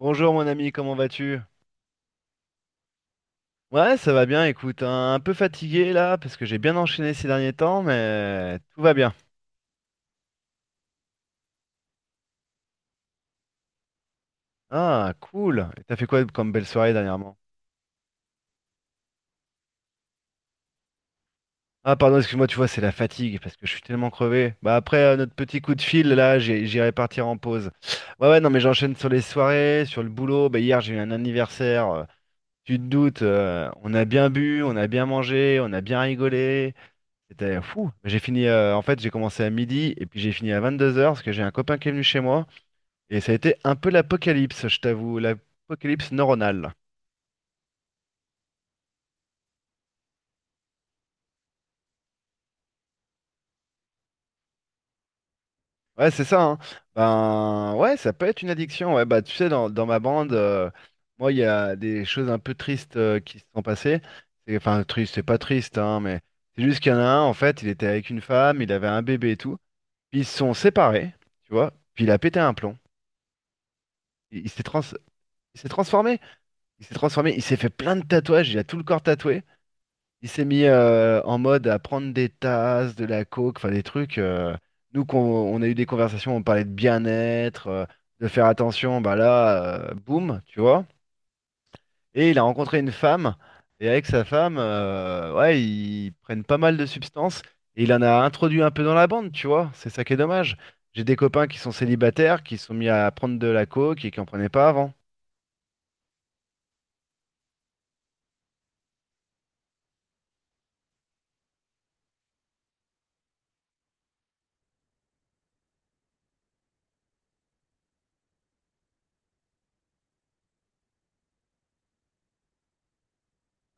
Bonjour mon ami, comment vas-tu? Ouais, ça va bien, écoute, hein, un peu fatigué là, parce que j'ai bien enchaîné ces derniers temps, mais tout va bien. Ah, cool. Et t'as fait quoi comme belle soirée dernièrement? Ah, pardon, excuse-moi, tu vois, c'est la fatigue, parce que je suis tellement crevé. Bah après notre petit coup de fil, là, j'irai partir en pause. Ouais, ouais, non, mais j'enchaîne sur les soirées, sur le boulot. Bah hier, j'ai eu un anniversaire, tu te doutes, on a bien bu, on a bien mangé, on a bien rigolé. C'était fou. J'ai fini, en fait, j'ai commencé à midi et puis j'ai fini à 22 heures parce que j'ai un copain qui est venu chez moi et ça a été un peu l'apocalypse, je t'avoue, l'apocalypse neuronale. Ouais, c'est ça, hein. Ben, ouais, ça peut être une addiction. Ouais, bah, tu sais, dans ma bande, moi, il y a des choses un peu tristes qui se sont passées. Enfin, triste, c'est pas triste, hein, mais c'est juste qu'il y en a un, en fait, il était avec une femme, il avait un bébé et tout. Puis ils se sont séparés, tu vois, puis il a pété un plomb. Il, il s'est trans- il s'est transformé. Il s'est transformé, il s'est fait plein de tatouages, il a tout le corps tatoué. Il s'est mis en mode à prendre des tasses, de la coke, enfin des trucs. Nous, on a eu des conversations, on parlait de bien-être, de faire attention, bah là, boum, tu vois. Et il a rencontré une femme, et avec sa femme, ouais, ils prennent pas mal de substances, et il en a introduit un peu dans la bande, tu vois. C'est ça qui est dommage. J'ai des copains qui sont célibataires, qui se sont mis à prendre de la coke et qui en prenaient pas avant.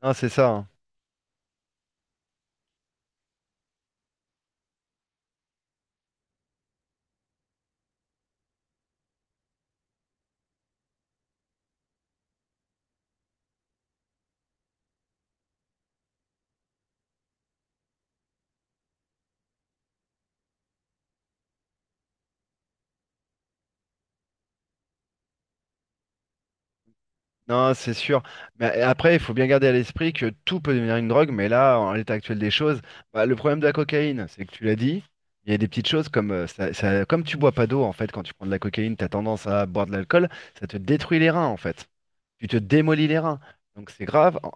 Non, c'est ça, hein. Non, c'est sûr. Mais après, il faut bien garder à l'esprit que tout peut devenir une drogue, mais là, en l'état actuel des choses, bah, le problème de la cocaïne, c'est que tu l'as dit, il y a des petites choses comme ça, comme tu bois pas d'eau, en fait, quand tu prends de la cocaïne, tu as tendance à boire de l'alcool, ça te détruit les reins, en fait. Tu te démolis les reins. Donc c'est grave, en-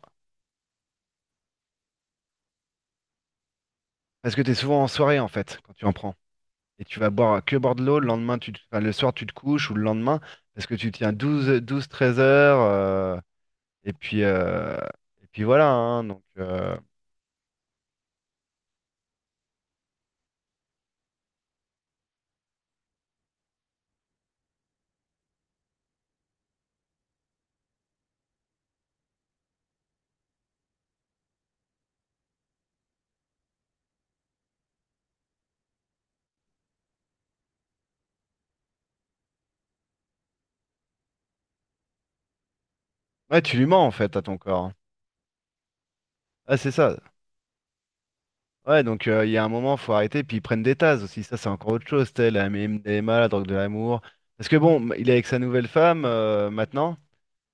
Parce que tu es souvent en soirée, en fait, quand tu en prends. Et tu vas boire que boire de l'eau, le lendemain, enfin, le soir, tu te couches, ou le lendemain, parce que tu tiens 12, 13 heures, et puis, euh, et puis voilà, hein, donc. Ouais, tu lui mens en fait à ton corps. Ah, c'est ça. Ouais, donc il y a un moment, faut arrêter, puis ils prennent des tases aussi. Ça, c'est encore autre chose, telle la MDMA, la drogue de l'amour. Parce que bon, il est avec sa nouvelle femme maintenant,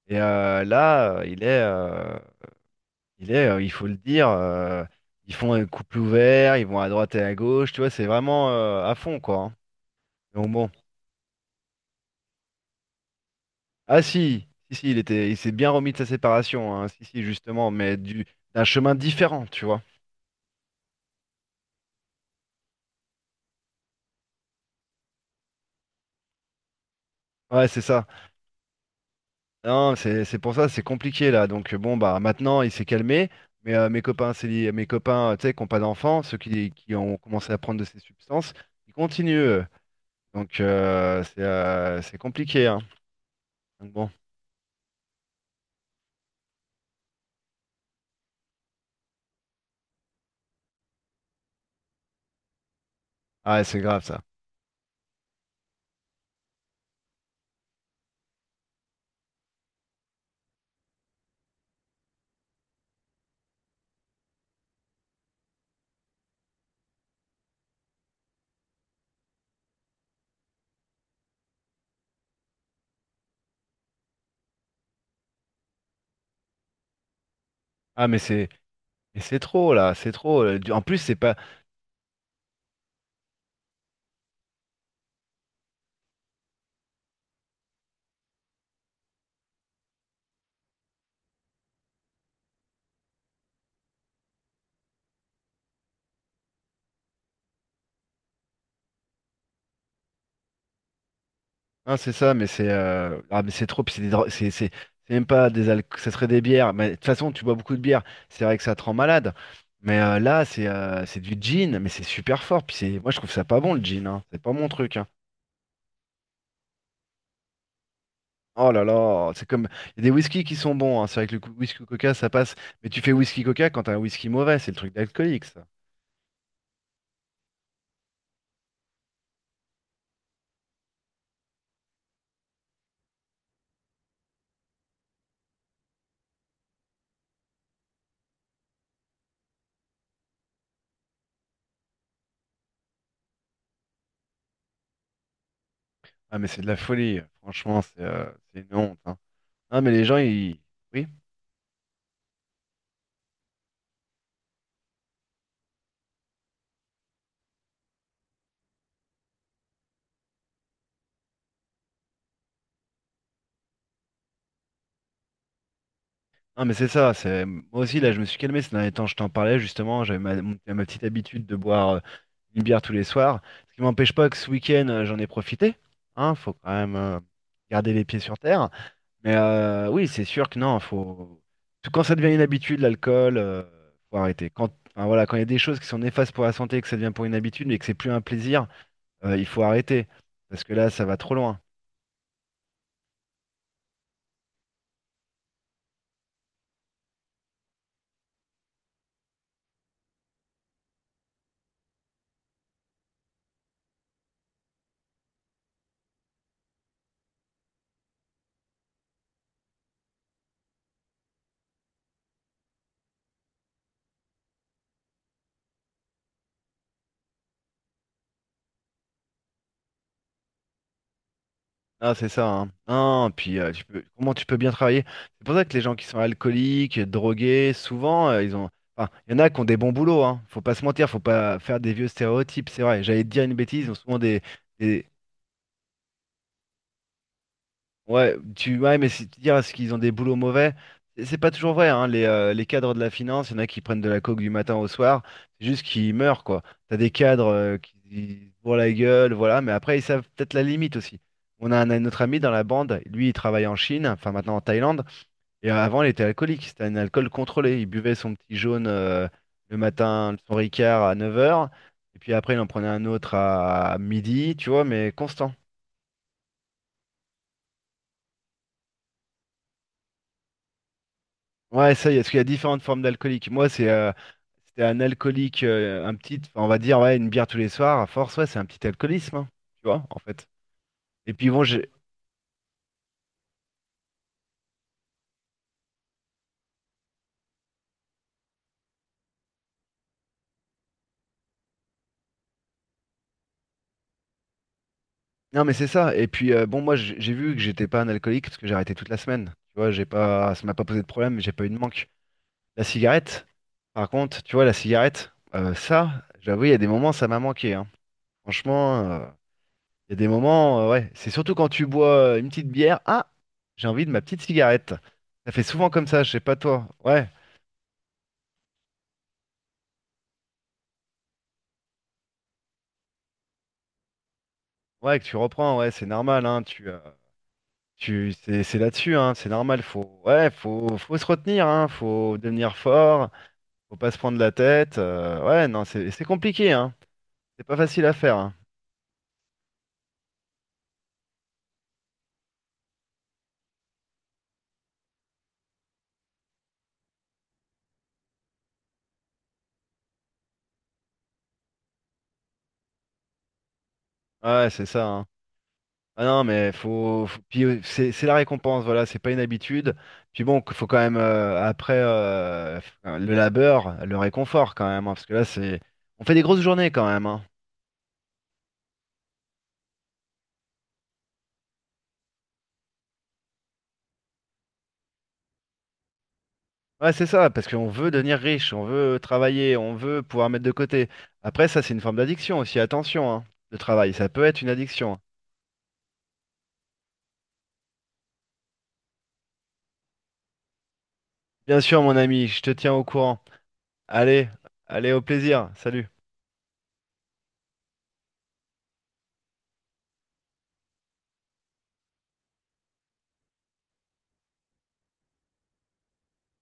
et là, il faut le dire, ils font un couple ouvert, ils vont à droite et à gauche, tu vois, c'est vraiment à fond quoi, hein. Donc bon, ah si, si, si, il était, il s'est bien remis de sa séparation, hein, si, si, justement, mais du d'un chemin différent, tu vois. Ouais, c'est ça. Non, c'est pour ça, c'est compliqué là. Donc bon bah maintenant il s'est calmé, mais mes copains tu sais qui n'ont pas d'enfants, qui ont commencé à prendre de ces substances, ils continuent eux. Donc c'est compliqué hein. Donc, bon, ah c'est grave ça. Ah mais c'est mais c'est trop là, c'est trop. En plus c'est pas. Ah, c'est ça, mais c'est ah, mais c'est trop, puis c'est des dro- c'est même pas des alcools, ça serait des bières. Mais de toute façon, tu bois beaucoup de bière, c'est vrai que ça te rend malade. Mais là, c'est du gin, mais c'est super fort. Puis c'est, moi, je trouve ça pas bon le gin, hein. C'est pas mon truc, hein. Oh là là, c'est comme il y a des whisky qui sont bons, hein. C'est vrai que whisky coca, ça passe. Mais tu fais whisky coca quand t'as un whisky mauvais, c'est le truc d'alcoolique, ça. Ah, mais c'est de la folie. Franchement, c'est une honte, hein. Ah, mais les gens, ils, oui. Non, mais c'est ça, c'est moi aussi là je me suis calmé ces derniers temps, je t'en parlais justement, ma petite habitude de boire une bière tous les soirs, ce qui m'empêche pas que ce week-end j'en ai profité, hein, faut quand même garder les pieds sur terre, mais oui c'est sûr que non, faut, quand ça devient une habitude l'alcool, faut arrêter. Quand enfin, voilà, quand il y a des choses qui sont néfastes pour la santé, que ça devient pour une habitude et que c'est plus un plaisir, il faut arrêter, parce que là ça va trop loin. Ah, c'est ça, hein. Ah, puis tu peux, comment tu peux bien travailler? C'est pour ça que les gens qui sont alcooliques, drogués, souvent, ils ont. Enfin, il y en a qui ont des bons boulots, hein. Faut pas se mentir, faut pas faire des vieux stéréotypes, c'est vrai. J'allais te dire une bêtise, ils ont souvent des, ouais, ouais, mais c'est tu dis est-ce qu'ils ont des boulots mauvais, c'est pas toujours vrai, hein, les cadres de la finance, il y en a qui prennent de la coke du matin au soir, c'est juste qu'ils meurent, quoi. T'as des cadres qui se bourrent la gueule, voilà, mais après, ils savent peut-être la limite aussi. On a un autre ami dans la bande, lui, il travaille en Chine, enfin maintenant en Thaïlande, et avant, il était alcoolique, c'était un alcool contrôlé. Il buvait son petit jaune le matin, son Ricard à neuf heures, et puis après, il en prenait un autre à midi, tu vois, mais constant. Ouais, ça y est, parce qu'il y a différentes formes d'alcoolique. Moi, c'était un alcoolique, un petit, enfin, on va dire, ouais, une bière tous les soirs, à force, ouais, c'est un petit alcoolisme, hein, tu vois, en fait. Et puis bon, j'ai. Non, mais c'est ça. Et puis bon, moi, j'ai vu que j'étais pas un alcoolique parce que j'ai arrêté toute la semaine. Tu vois, j'ai pas, ça m'a pas posé de problème, j'ai pas eu de manque. La cigarette, par contre, tu vois, la cigarette, ça, j'avoue, il y a des moments, ça m'a manqué, hein. Franchement, il y a des moments, ouais, c'est surtout quand tu bois une petite bière. Ah, j'ai envie de ma petite cigarette. Ça fait souvent comme ça, je sais pas toi. Ouais, ouais, que tu reprends, ouais, c'est normal, hein, c'est là-dessus, hein, c'est normal, faut, ouais, faut se retenir, hein, faut devenir fort, faut pas se prendre la tête. Ouais, non, c'est compliqué, hein, c'est pas facile à faire, hein. Ouais, c'est ça, hein. Ah non, mais puis c'est la récompense, voilà, c'est pas une habitude. Puis bon, faut quand même le labeur, le réconfort quand même, hein, parce que là, c'est, on fait des grosses journées quand même, hein. Ouais, c'est ça, parce qu'on veut devenir riche, on veut travailler, on veut pouvoir mettre de côté. Après, ça, c'est une forme d'addiction aussi, attention, hein, le travail, ça peut être une addiction. Bien sûr, mon ami, je te tiens au courant. Allez, allez, au plaisir, salut.